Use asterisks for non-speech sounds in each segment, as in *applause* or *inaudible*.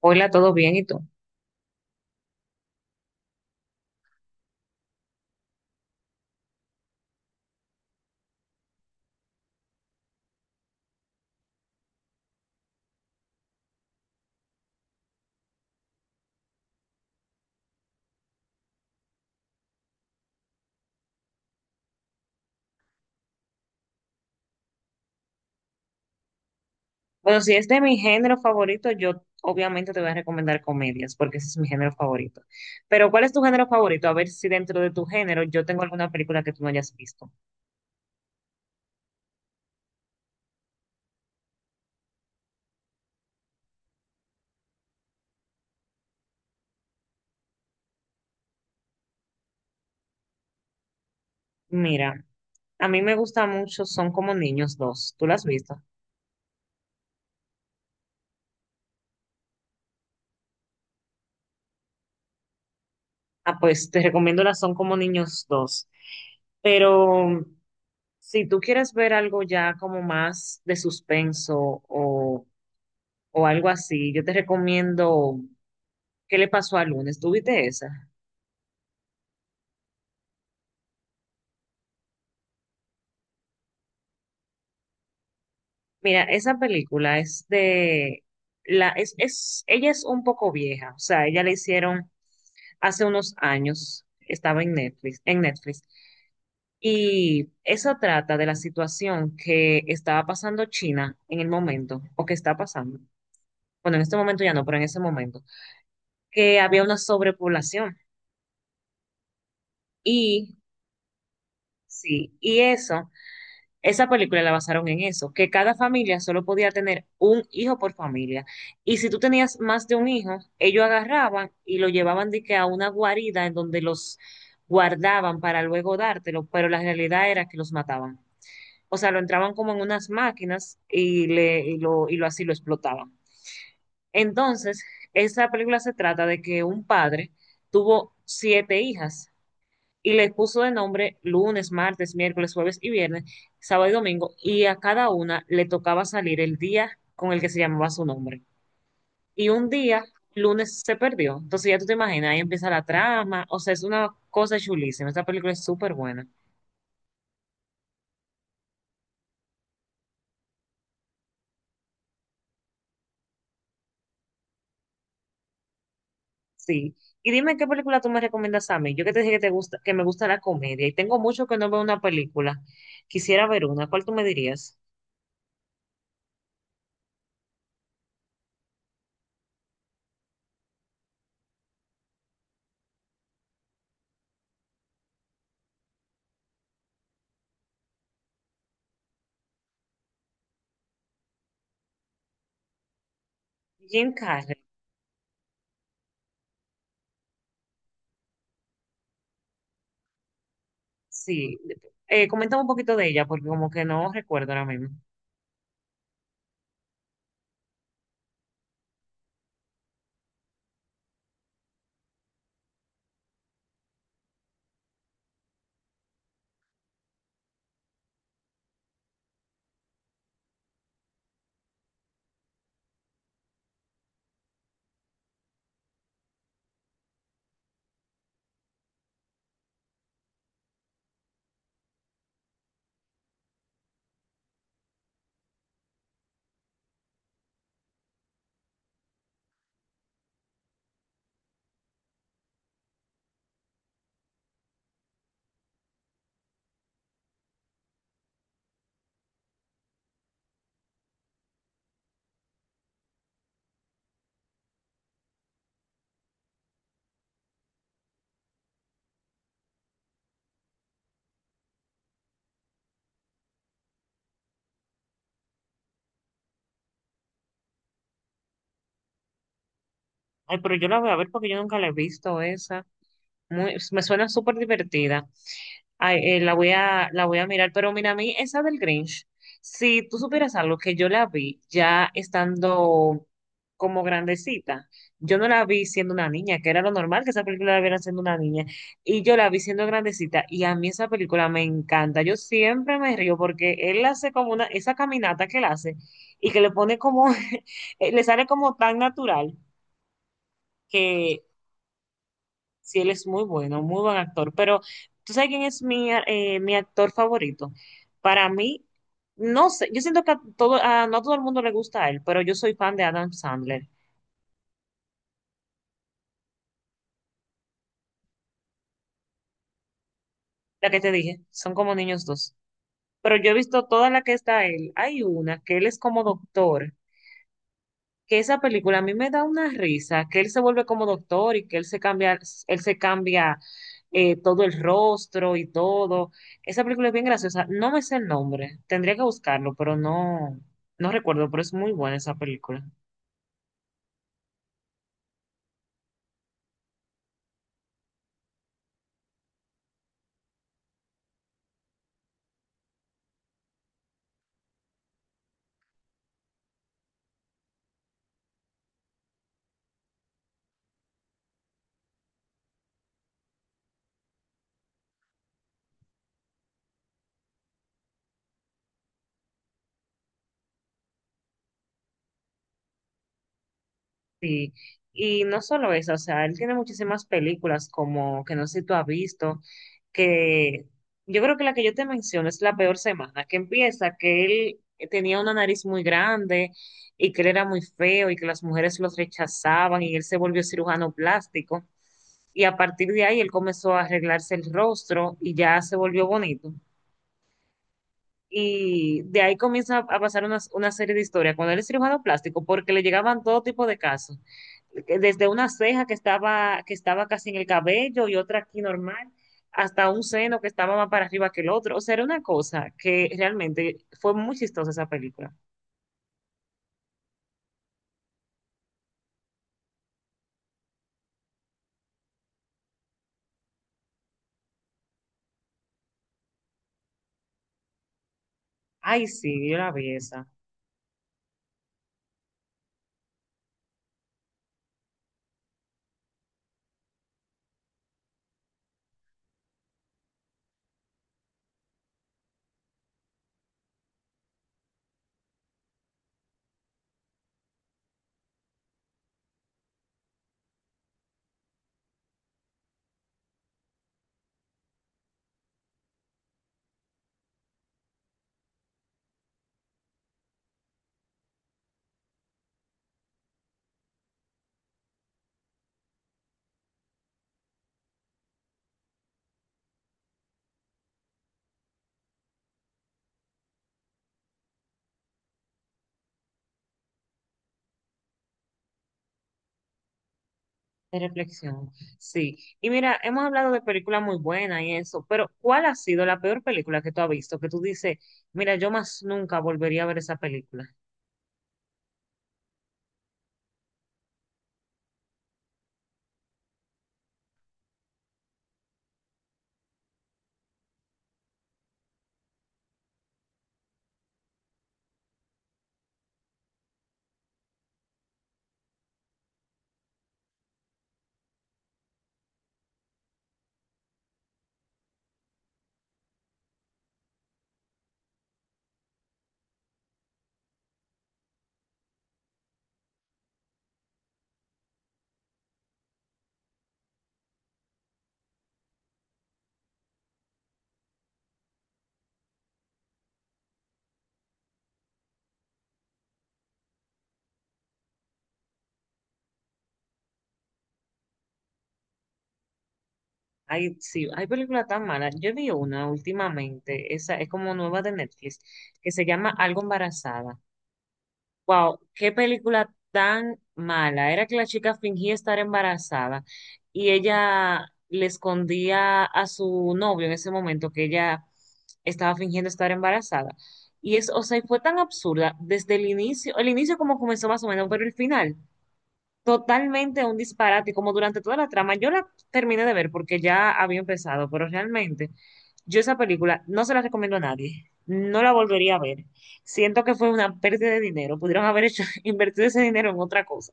Hola, ¿todo bien? ¿Y tú? Bueno, si es de mi género favorito, yo obviamente te voy a recomendar comedias, porque ese es mi género favorito. Pero, ¿cuál es tu género favorito? A ver si dentro de tu género yo tengo alguna película que tú no hayas visto. Mira, a mí me gusta mucho Son como niños dos. ¿Tú la has visto? Ah, pues te recomiendo la Son como niños dos. Pero si tú quieres ver algo ya como más de suspenso o, o algo así, yo te recomiendo ¿Qué le pasó a Lunes? ¿Tú viste esa? Mira, esa película es de la es ella es un poco vieja, o sea, ella la hicieron hace unos años, estaba en Netflix, en Netflix. Y eso trata de la situación que estaba pasando China en el momento o que está pasando. Bueno, en este momento ya no, pero en ese momento que había una sobrepoblación. Y sí, y eso, esa película la basaron en eso, que cada familia solo podía tener un hijo por familia. Y si tú tenías más de un hijo, ellos agarraban y lo llevaban de que a una guarida en donde los guardaban para luego dártelo, pero la realidad era que los mataban. O sea, lo entraban como en unas máquinas y lo así lo explotaban. Entonces, esa película se trata de que un padre tuvo siete hijas y les puso de nombre lunes, martes, miércoles, jueves y viernes, sábado y domingo, y a cada una le tocaba salir el día con el que se llamaba su nombre. Y un día, lunes, se perdió. Entonces ya tú te imaginas, ahí empieza la trama, o sea, es una cosa chulísima, esta película es súper buena. Sí. Y dime qué película tú me recomiendas a mí. Yo que te dije que te gusta, que me gusta la comedia y tengo mucho que no veo una película. Quisiera ver una. ¿Cuál tú me dirías? Jim Carrey. Sí. Coméntame un poquito de ella porque como que no recuerdo ahora mismo. Ay, pero yo la voy a ver porque yo nunca la he visto esa. Muy, me suena súper divertida. Ay, la voy a mirar, pero mira, a mí esa del Grinch, si tú supieras algo que yo la vi ya estando como grandecita, yo no la vi siendo una niña, que era lo normal que esa película la vieran siendo una niña, y yo la vi siendo grandecita, y a mí esa película me encanta, yo siempre me río porque él hace como una, esa caminata que él hace, y que le pone como, *laughs* le sale como tan natural. Que Sí, él es muy bueno, muy buen actor, pero ¿tú sabes quién es mi actor favorito? Para mí, no sé, yo siento que a todo, a, no a todo el mundo le gusta a él, pero yo soy fan de Adam Sandler, la que te dije, son como niños dos. Pero yo he visto toda la que está él. Hay una que él es como doctor, que esa película a mí me da una risa, que él se vuelve como doctor y que él se cambia, él se cambia todo el rostro y todo. Esa película es bien graciosa. No me sé el nombre, tendría que buscarlo, pero no recuerdo, pero es muy buena esa película. Sí, y no solo eso, o sea, él tiene muchísimas películas como que no sé si tú has visto, que yo creo que la que yo te menciono es La Peor Semana, que empieza que él tenía una nariz muy grande y que él era muy feo y que las mujeres los rechazaban y él se volvió cirujano plástico y a partir de ahí él comenzó a arreglarse el rostro y ya se volvió bonito. Y de ahí comienza a pasar una serie de historias. Cuando él es cirujano plástico, porque le llegaban todo tipo de casos, que desde una ceja que estaba casi en el cabello y otra aquí normal, hasta un seno que estaba más para arriba que el otro. O sea, era una cosa que realmente fue muy chistosa esa película. Ay, sí, yo la vi esa, de reflexión. Sí. Y mira, hemos hablado de películas muy buenas y eso, pero ¿cuál ha sido la peor película que tú has visto? Que tú dices, mira, yo más nunca volvería a ver esa película. Ay, sí, hay películas tan malas. Yo vi una últimamente, esa es como nueva de Netflix, que se llama Algo Embarazada. Wow, qué película tan mala. Era que la chica fingía estar embarazada y ella le escondía a su novio en ese momento que ella estaba fingiendo estar embarazada. Y es, o sea, y fue tan absurda desde el inicio como comenzó más o menos, pero el final totalmente un disparate, como durante toda la trama. Yo la terminé de ver porque ya había empezado, pero realmente yo esa película no se la recomiendo a nadie. No la volvería a ver. Siento que fue una pérdida de dinero. Pudieron haber hecho, *laughs* invertido ese dinero en otra cosa.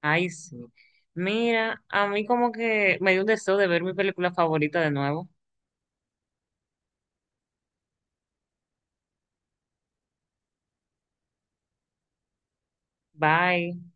Ay, sí. Mira, a mí como que me dio un deseo de ver mi película favorita de nuevo. Bye.